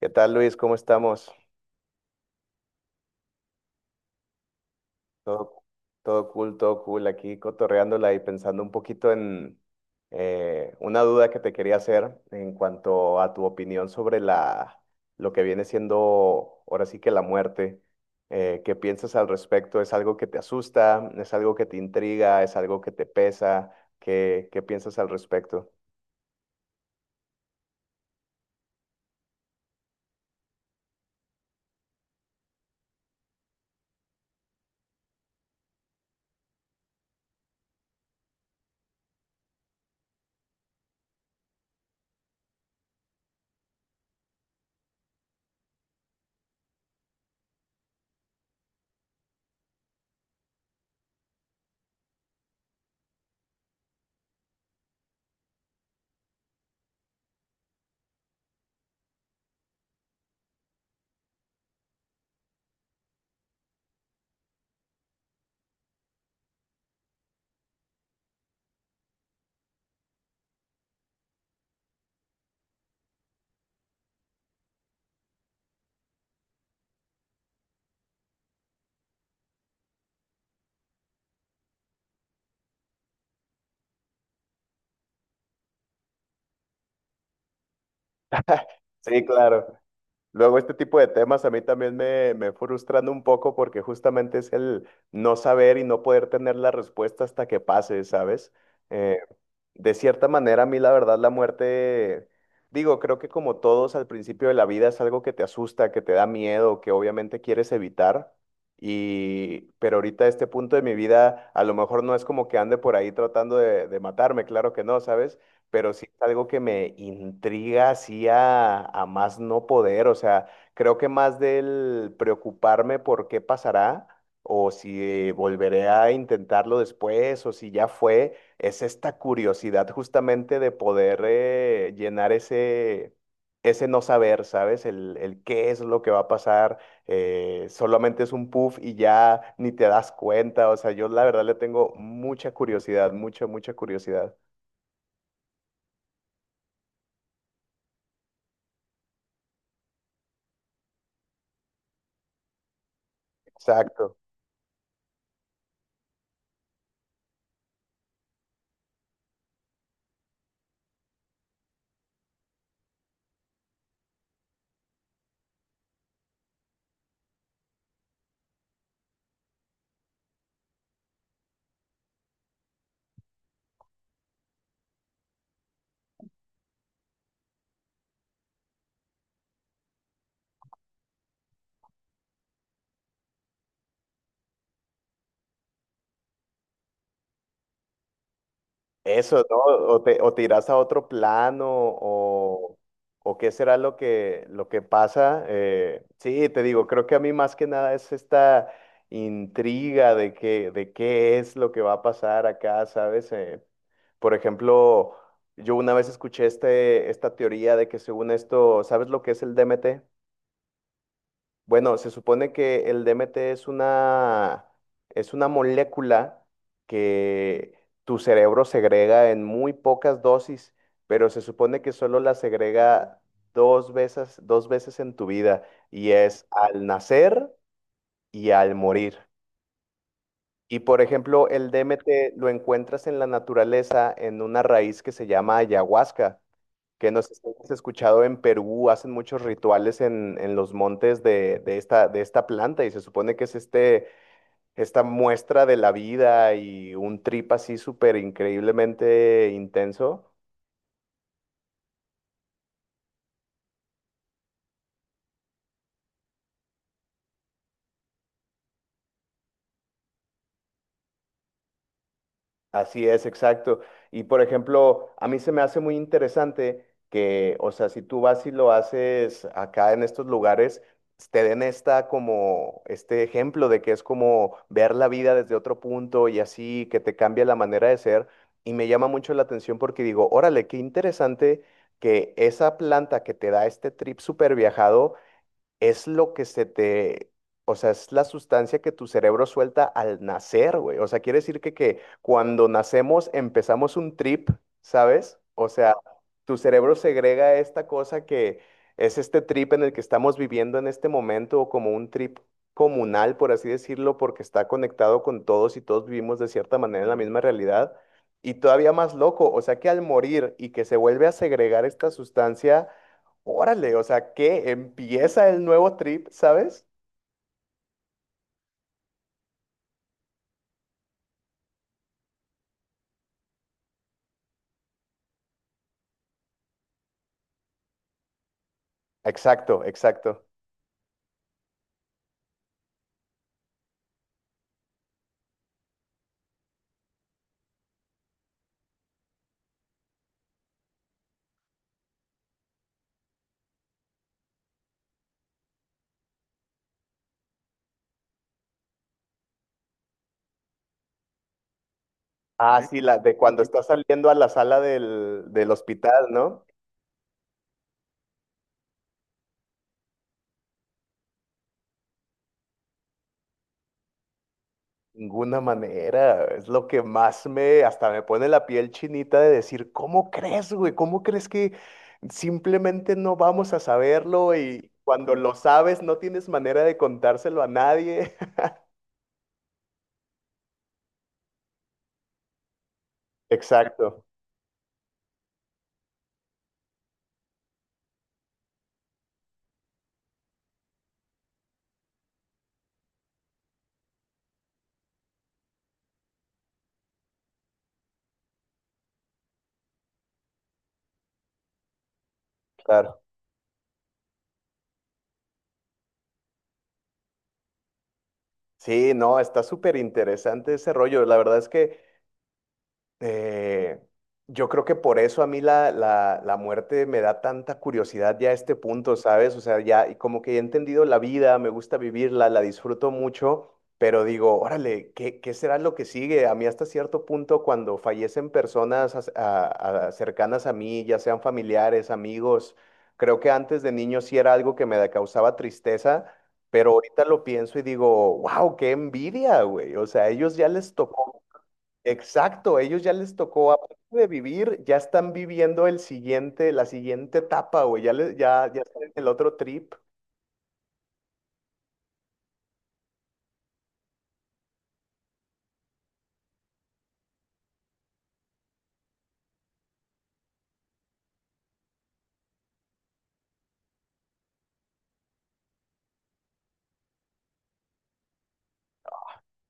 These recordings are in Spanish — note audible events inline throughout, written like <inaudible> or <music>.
¿Qué tal, Luis? ¿Cómo estamos? Todo, todo cool, todo cool. Aquí cotorreándola y pensando un poquito en una duda que te quería hacer en cuanto a tu opinión sobre lo que viene siendo ahora sí que la muerte. ¿qué piensas al respecto? ¿Es algo que te asusta? ¿Es algo que te intriga? ¿Es algo que te pesa? ¿Qué piensas al respecto? Sí, claro. Luego este tipo de temas a mí también me frustran un poco porque justamente es el no saber y no poder tener la respuesta hasta que pase, ¿sabes? Eh, de cierta manera, a mí la verdad la muerte, digo, creo que como todos al principio de la vida es algo que te asusta, que te da miedo, que obviamente quieres evitar. Y, pero ahorita a este punto de mi vida, a lo mejor no es como que ande por ahí tratando de matarme, claro que no, ¿sabes? Pero sí es algo que me intriga así a más no poder. O sea, creo que más del preocuparme por qué pasará o si volveré a intentarlo después o si ya fue es esta curiosidad justamente de poder llenar ese no saber, ¿sabes? El qué es lo que va a pasar, solamente es un puff y ya ni te das cuenta, o sea, yo la verdad le tengo mucha curiosidad, mucha, mucha curiosidad. Exacto. Eso, ¿no? O te irás a otro plano, o qué será lo que pasa. Sí, te digo, creo que a mí más que nada es esta intriga de que, de qué es lo que va a pasar acá, ¿sabes? Por ejemplo, yo una vez escuché esta teoría de que según esto, ¿sabes lo que es el DMT? Bueno, se supone que el DMT es es una molécula que tu cerebro segrega en muy pocas dosis, pero se supone que solo la segrega dos veces en tu vida, y es al nacer y al morir. Y por ejemplo, el DMT lo encuentras en la naturaleza en una raíz que se llama ayahuasca que nos hemos escuchado en Perú, hacen muchos rituales en los montes de esta planta y se supone que es esta muestra de la vida y un trip así súper increíblemente intenso. Así es, exacto. Y por ejemplo, a mí se me hace muy interesante que, o sea, si tú vas y lo haces acá en estos lugares, te den esta como este ejemplo de que es como ver la vida desde otro punto y así que te cambia la manera de ser. Y me llama mucho la atención porque digo, órale, qué interesante que esa planta que te da este trip súper viajado es lo que se te, o sea, es la sustancia que tu cerebro suelta al nacer, güey. O sea, quiere decir que cuando nacemos empezamos un trip, ¿sabes? O sea, tu cerebro segrega esta cosa que es este trip en el que estamos viviendo en este momento, o como un trip comunal, por así decirlo, porque está conectado con todos y todos vivimos de cierta manera en la misma realidad. Y todavía más loco, o sea que al morir y que se vuelve a segregar esta sustancia, órale, o sea, que empieza el nuevo trip, ¿sabes? Exacto, exacto. Ah, sí, la de cuando está saliendo a la sala del hospital, ¿no? Ninguna manera, es lo que más me, hasta me pone la piel chinita de decir, ¿cómo crees, güey? ¿Cómo crees que simplemente no vamos a saberlo y cuando lo sabes no tienes manera de contárselo a nadie? <laughs> Exacto, claro. Sí, no, está súper interesante ese rollo. La verdad es que... Eh, yo creo que por eso a mí la muerte me da tanta curiosidad ya a este punto, ¿sabes? O sea, ya y como que he entendido la vida, me gusta vivirla, la disfruto mucho, pero digo, órale, ¿qué será lo que sigue? A mí hasta cierto punto cuando fallecen personas as- a- cercanas a mí, ya sean familiares, amigos, creo que antes de niño sí era algo que causaba tristeza. Pero ahorita lo pienso y digo, wow, qué envidia, güey. O sea, a ellos ya les tocó. Exacto, ellos ya les tocó, aparte de vivir, ya están viviendo el siguiente, la siguiente etapa, güey, ya, les, ya, ya están en el otro trip.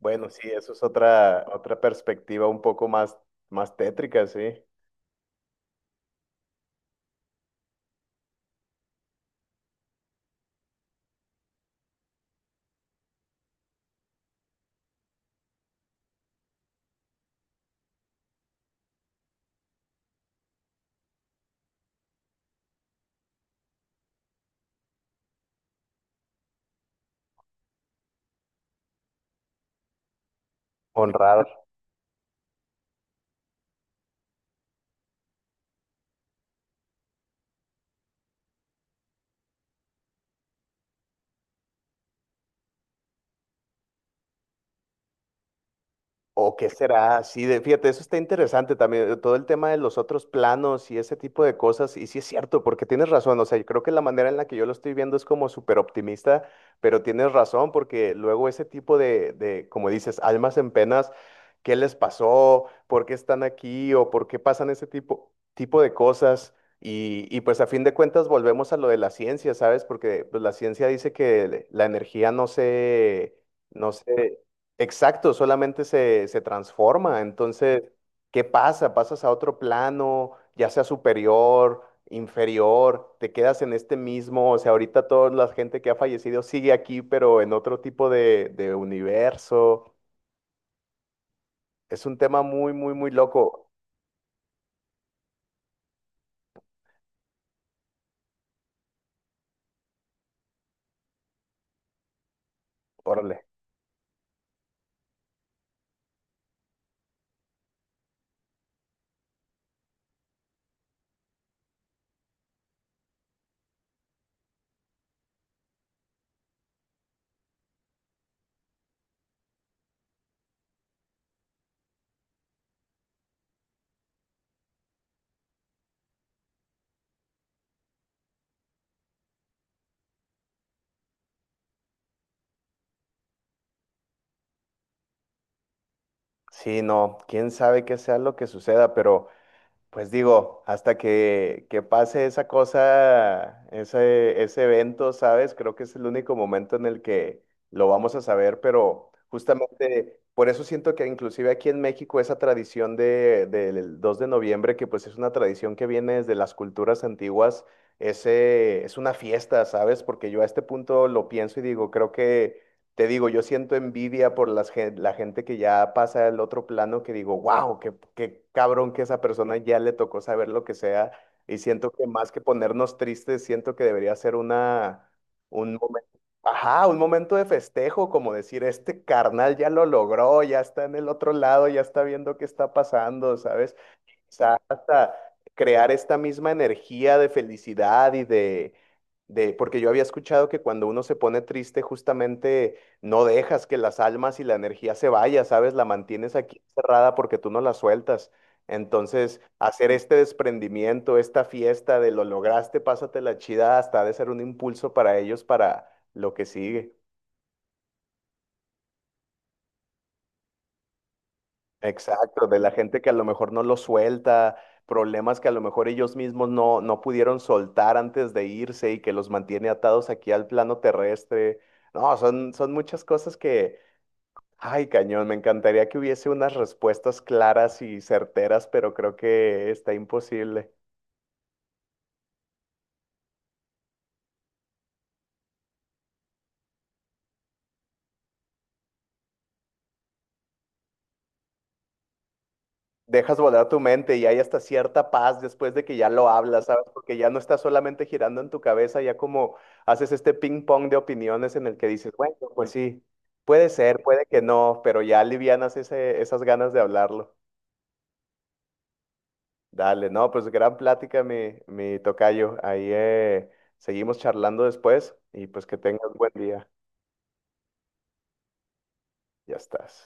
Bueno, sí, eso es otra perspectiva un poco más, más tétrica, sí. Honrada. ¿O qué será? Sí, de, fíjate, eso está interesante también, todo el tema de los otros planos y ese tipo de cosas. Y sí es cierto, porque tienes razón, o sea, yo creo que la manera en la que yo lo estoy viendo es como súper optimista, pero tienes razón, porque luego ese tipo como dices, almas en penas, ¿qué les pasó? ¿Por qué están aquí? ¿O por qué pasan ese tipo de cosas? Y pues a fin de cuentas volvemos a lo de la ciencia, ¿sabes? Porque pues, la ciencia dice que la energía no se... No sé, exacto, solamente se transforma. Entonces, ¿qué pasa? Pasas a otro plano, ya sea superior, inferior, te quedas en este mismo, o sea, ahorita toda la gente que ha fallecido sigue aquí, pero en otro tipo de universo. Es un tema muy, muy, muy loco. Órale. Sí, no, quién sabe qué sea lo que suceda, pero pues digo, hasta que pase esa cosa, ese evento, ¿sabes? Creo que es el único momento en el que lo vamos a saber, pero justamente por eso siento que inclusive aquí en México esa tradición del 2 de noviembre, que pues es una tradición que viene desde las culturas antiguas, ese, es una fiesta, ¿sabes? Porque yo a este punto lo pienso y digo, creo que te digo, yo siento envidia por la gente que ya pasa al otro plano, que digo, wow, qué cabrón que esa persona ya le tocó saber lo que sea. Y siento que más que ponernos tristes, siento que debería ser una, un momento, ajá, un momento de festejo, como decir, este carnal ya lo logró, ya está en el otro lado, ya está viendo qué está pasando, ¿sabes? Quizás hasta crear esta misma energía de felicidad y de, porque yo había escuchado que cuando uno se pone triste, justamente no dejas que las almas y la energía se vaya, ¿sabes? La mantienes aquí cerrada porque tú no la sueltas. Entonces, hacer este desprendimiento, esta fiesta de lo lograste, pásatela chida, hasta ha de ser un impulso para ellos para lo que sigue. Exacto, de la gente que a lo mejor no lo suelta, problemas que a lo mejor ellos mismos no pudieron soltar antes de irse y que los mantiene atados aquí al plano terrestre. No, son muchas cosas que, ay, cañón, me encantaría que hubiese unas respuestas claras y certeras, pero creo que está imposible. Dejas volar tu mente y hay hasta cierta paz después de que ya lo hablas, ¿sabes? Porque ya no está solamente girando en tu cabeza, ya como haces este ping pong de opiniones en el que dices, bueno, pues sí, puede ser, puede que no, pero ya alivianas ese, esas ganas de hablarlo. Dale, no, pues gran plática, mi tocayo. Ahí seguimos charlando después y pues que tengas buen día. Ya estás.